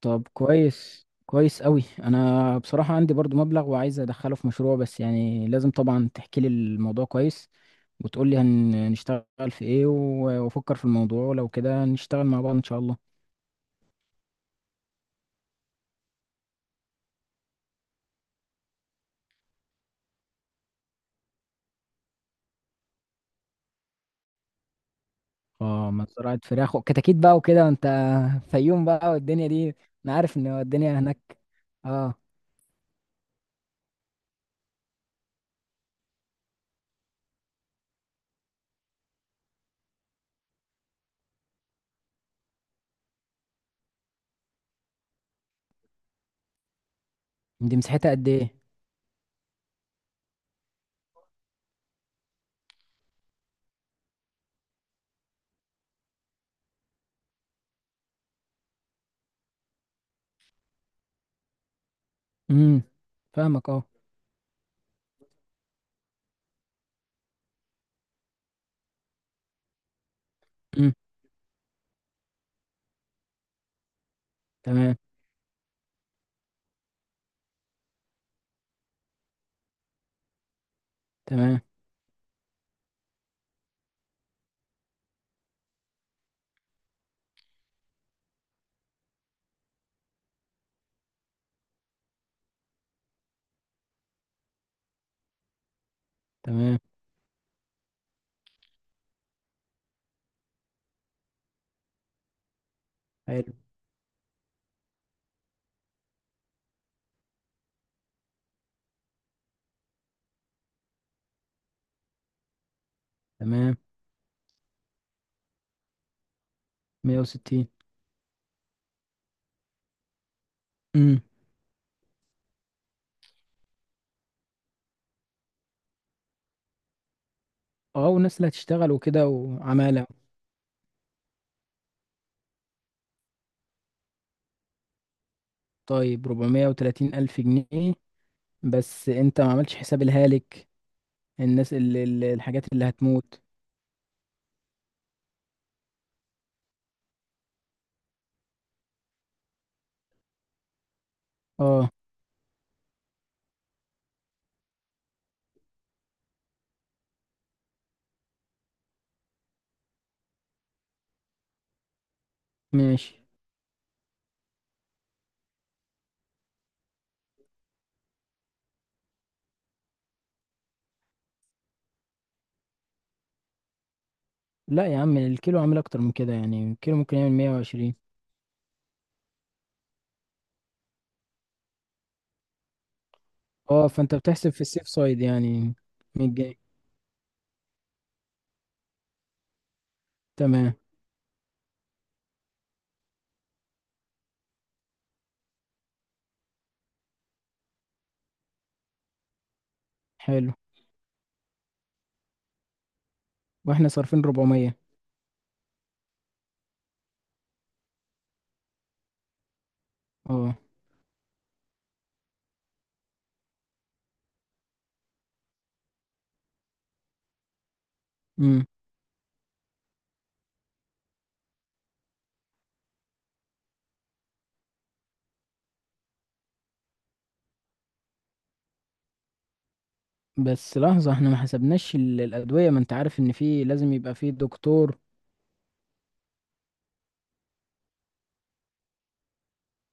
طب، كويس كويس قوي. انا بصراحة عندي برضو مبلغ وعايز ادخله في مشروع، بس يعني لازم طبعا تحكي لي الموضوع كويس وتقول لي هنشتغل في ايه، وافكر في الموضوع، ولو كده نشتغل مع بعض ان شاء الله. اه، ما زراعة فراخ وكتاكيت بقى وكده انت، فيوم بقى والدنيا دي. انا عارف ان الدنيا هناك. اه. دي مساحتها قد ايه؟ امم فاهمك، اه. امم تمام. تمام. تمام. حلو. تمام. 160. اه، والناس اللي هتشتغل وكده وعمالة. طيب، 430 ألف جنيه، بس انت ما عملتش حساب الهالك، الحاجات اللي هتموت. اه، ماشي. لا يا عم، الكيلو عامل اكتر من كده، يعني الكيلو ممكن يعمل 120. اه، فانت بتحسب في السيف سايد يعني. 100 جنيه. تمام. حلو. واحنا صارفين 400. اه. امم بس لحظة، احنا ما حسبناش الأدوية، ما انت عارف ان في لازم يبقى في دكتور.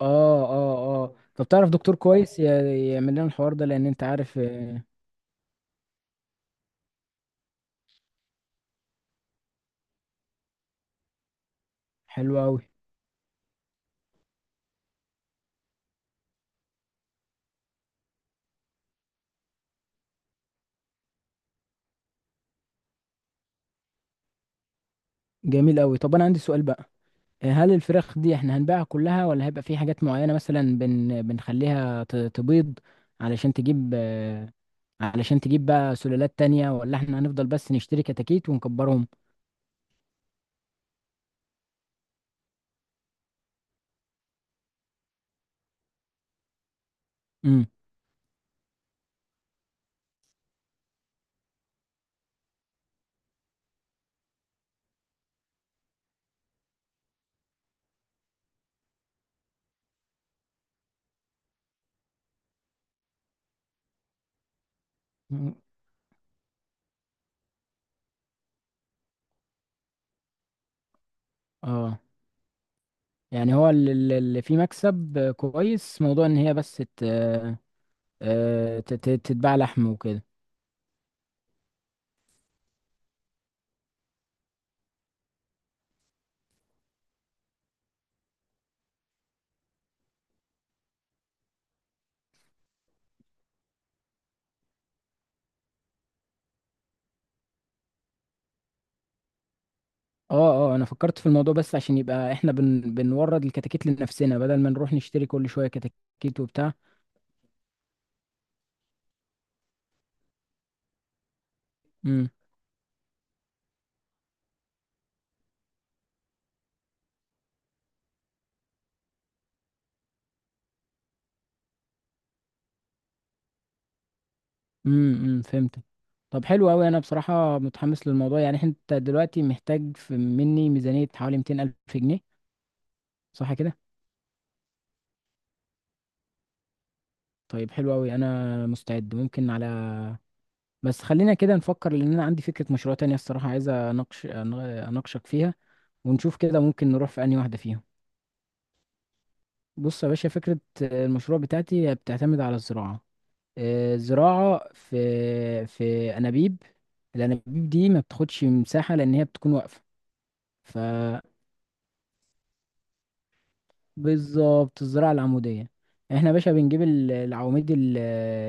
اه، اه، اه، طب تعرف دكتور كويس يعمل لنا الحوار ده، لان انت عارف. حلو قوي. جميل قوي، طب انا عندي سؤال بقى. هل الفراخ دي احنا هنبيعها كلها، ولا هيبقى في حاجات معينة، مثلا بنخليها تبيض؟ علشان تجيب آه، علشان تجيب بقى سلالات تانية، ولا احنا هنفضل بس نشتري كتاكيت ونكبرهم؟ امم. اه، يعني هو اللي فيه مكسب كويس، موضوع ان هي بس تتباع لحم وكده. اه، اه، انا فكرت في الموضوع، بس عشان يبقى احنا بنورد الكتاكيت لنفسنا، بدل ما نروح نشتري كل شويه كتاكيت وبتاع. امم أمم، فهمت. طب حلو قوي، انا بصراحه متحمس للموضوع، يعني انت دلوقتي محتاج في مني ميزانيه حوالي 200 الف جنيه. صح كده؟ طيب حلو قوي، انا مستعد، ممكن على... بس خلينا كده نفكر، لان انا عندي فكره مشروع تانية الصراحه، عايز اناقشك فيها، ونشوف كده ممكن نروح في انهي واحده فيهم. بص يا باشا، فكره المشروع بتاعتي بتعتمد على الزراعه. زراعة في أنابيب. الأنابيب دي ما بتاخدش مساحة، لأن هي بتكون واقفة. فبالظبط، الزراعة العمودية. احنا يا باشا بنجيب العواميد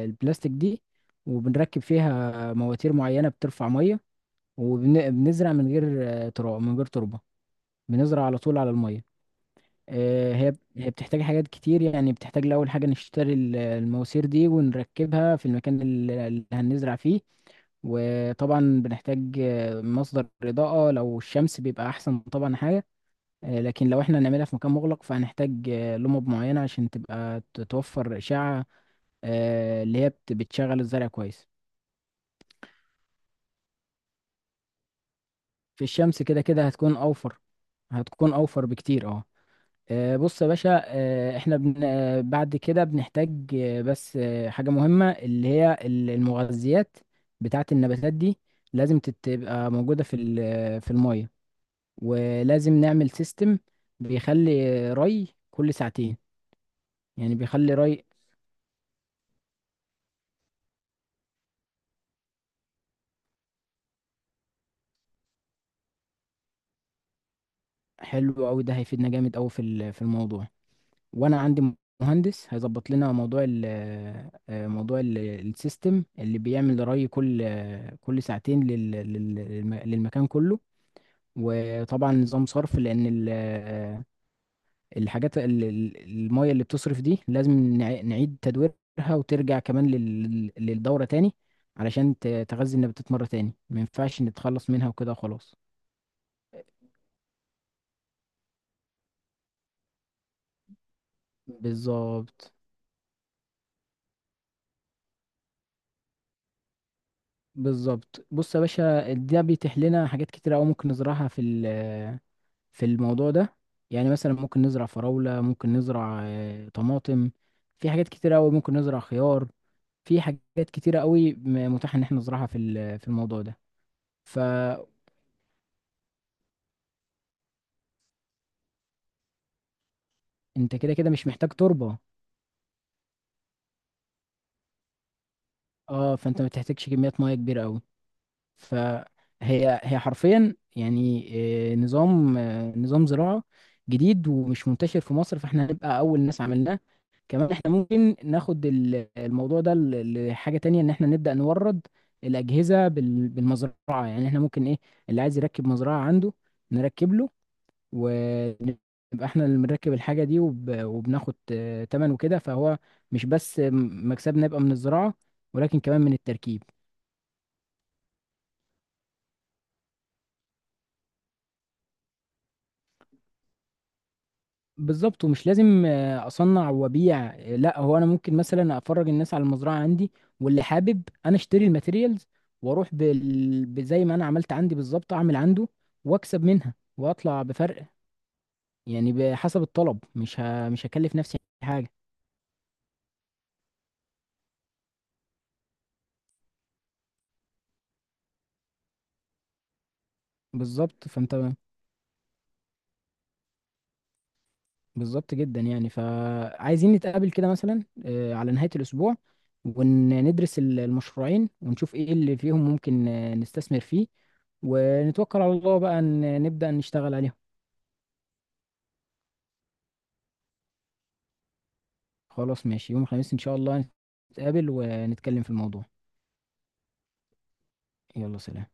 البلاستيك دي، وبنركب فيها مواتير معينة بترفع مية، وبنزرع من غير تراب، من غير تربة. بنزرع على طول على المية. هي بتحتاج حاجات كتير، يعني بتحتاج لأول حاجة نشتري المواسير دي ونركبها في المكان اللي هنزرع فيه. وطبعا بنحتاج مصدر إضاءة، لو الشمس بيبقى أحسن طبعا حاجة. لكن لو احنا هنعملها في مكان مغلق، فهنحتاج لمبة معينة عشان تبقى توفر إشعة، اللي هي بتشغل الزرع كويس. في الشمس كده كده هتكون أوفر. هتكون أوفر بكتير، اه. بص يا باشا، آه، احنا بن... آه، بعد كده بنحتاج آه، بس آه، حاجة مهمة، اللي هي المغذيات بتاعة النباتات دي، لازم تبقى موجودة في في المية. ولازم نعمل سيستم بيخلي ري كل ساعتين، يعني بيخلي ري. حلو أوي، ده هيفيدنا جامد أوي في في الموضوع. وأنا عندي مهندس هيظبط لنا موضوع ال آه، آه، موضوع ال- السيستم اللي بيعمل ري كل ساعتين للمكان كله. وطبعا نظام صرف، لان الحاجات ال- ال- المية اللي بتصرف دي لازم نعيد تدويرها، وترجع كمان للدورة تاني، علشان تغذي النباتات مرة تاني، ما ينفعش نتخلص منها وكده خلاص. بالظبط. بالظبط. بص يا باشا، ده بيتيح لنا حاجات كتيرة أوي ممكن نزرعها في في الموضوع ده، يعني مثلا ممكن نزرع فراولة، ممكن نزرع طماطم، في حاجات كتيرة أوي ممكن نزرع خيار، في حاجات كتيرة قوي متاح ان احنا نزرعها في في الموضوع ده. فانت كده كده مش محتاج تربة. اه، فانت ما بتحتاجش كميات مياه كبيرة قوي. فهي حرفيا يعني نظام زراعة جديد ومش منتشر في مصر، فاحنا هنبقى اول ناس عملناه. كمان احنا ممكن ناخد الموضوع ده لحاجة تانية، ان احنا نبدأ نورد الأجهزة بالمزرعة. يعني احنا ممكن ايه، اللي عايز يركب مزرعة عنده، نركب له، ونبقى احنا اللي بنركب الحاجة دي، وبناخد تمن وكده، فهو مش بس مكسبنا يبقى من الزراعة، ولكن كمان من التركيب. بالظبط، ومش لازم اصنع وابيع. لا هو انا ممكن مثلا افرج الناس على المزرعة عندي، واللي حابب انا اشتري الماتيريالز، واروح بزي ما انا عملت عندي بالظبط، اعمل عنده واكسب منها واطلع بفرق. يعني بحسب الطلب، مش هكلف نفسي حاجة. بالظبط. فانت. بالظبط جدا يعني، فعايزين نتقابل كده مثلا على نهاية الأسبوع، وندرس المشروعين، ونشوف إيه اللي فيهم ممكن نستثمر فيه، ونتوكل على الله بقى نبدأ نشتغل عليهم. خلاص ماشي، يوم الخميس إن شاء الله، نتقابل ونتكلم في الموضوع. يلا سلام.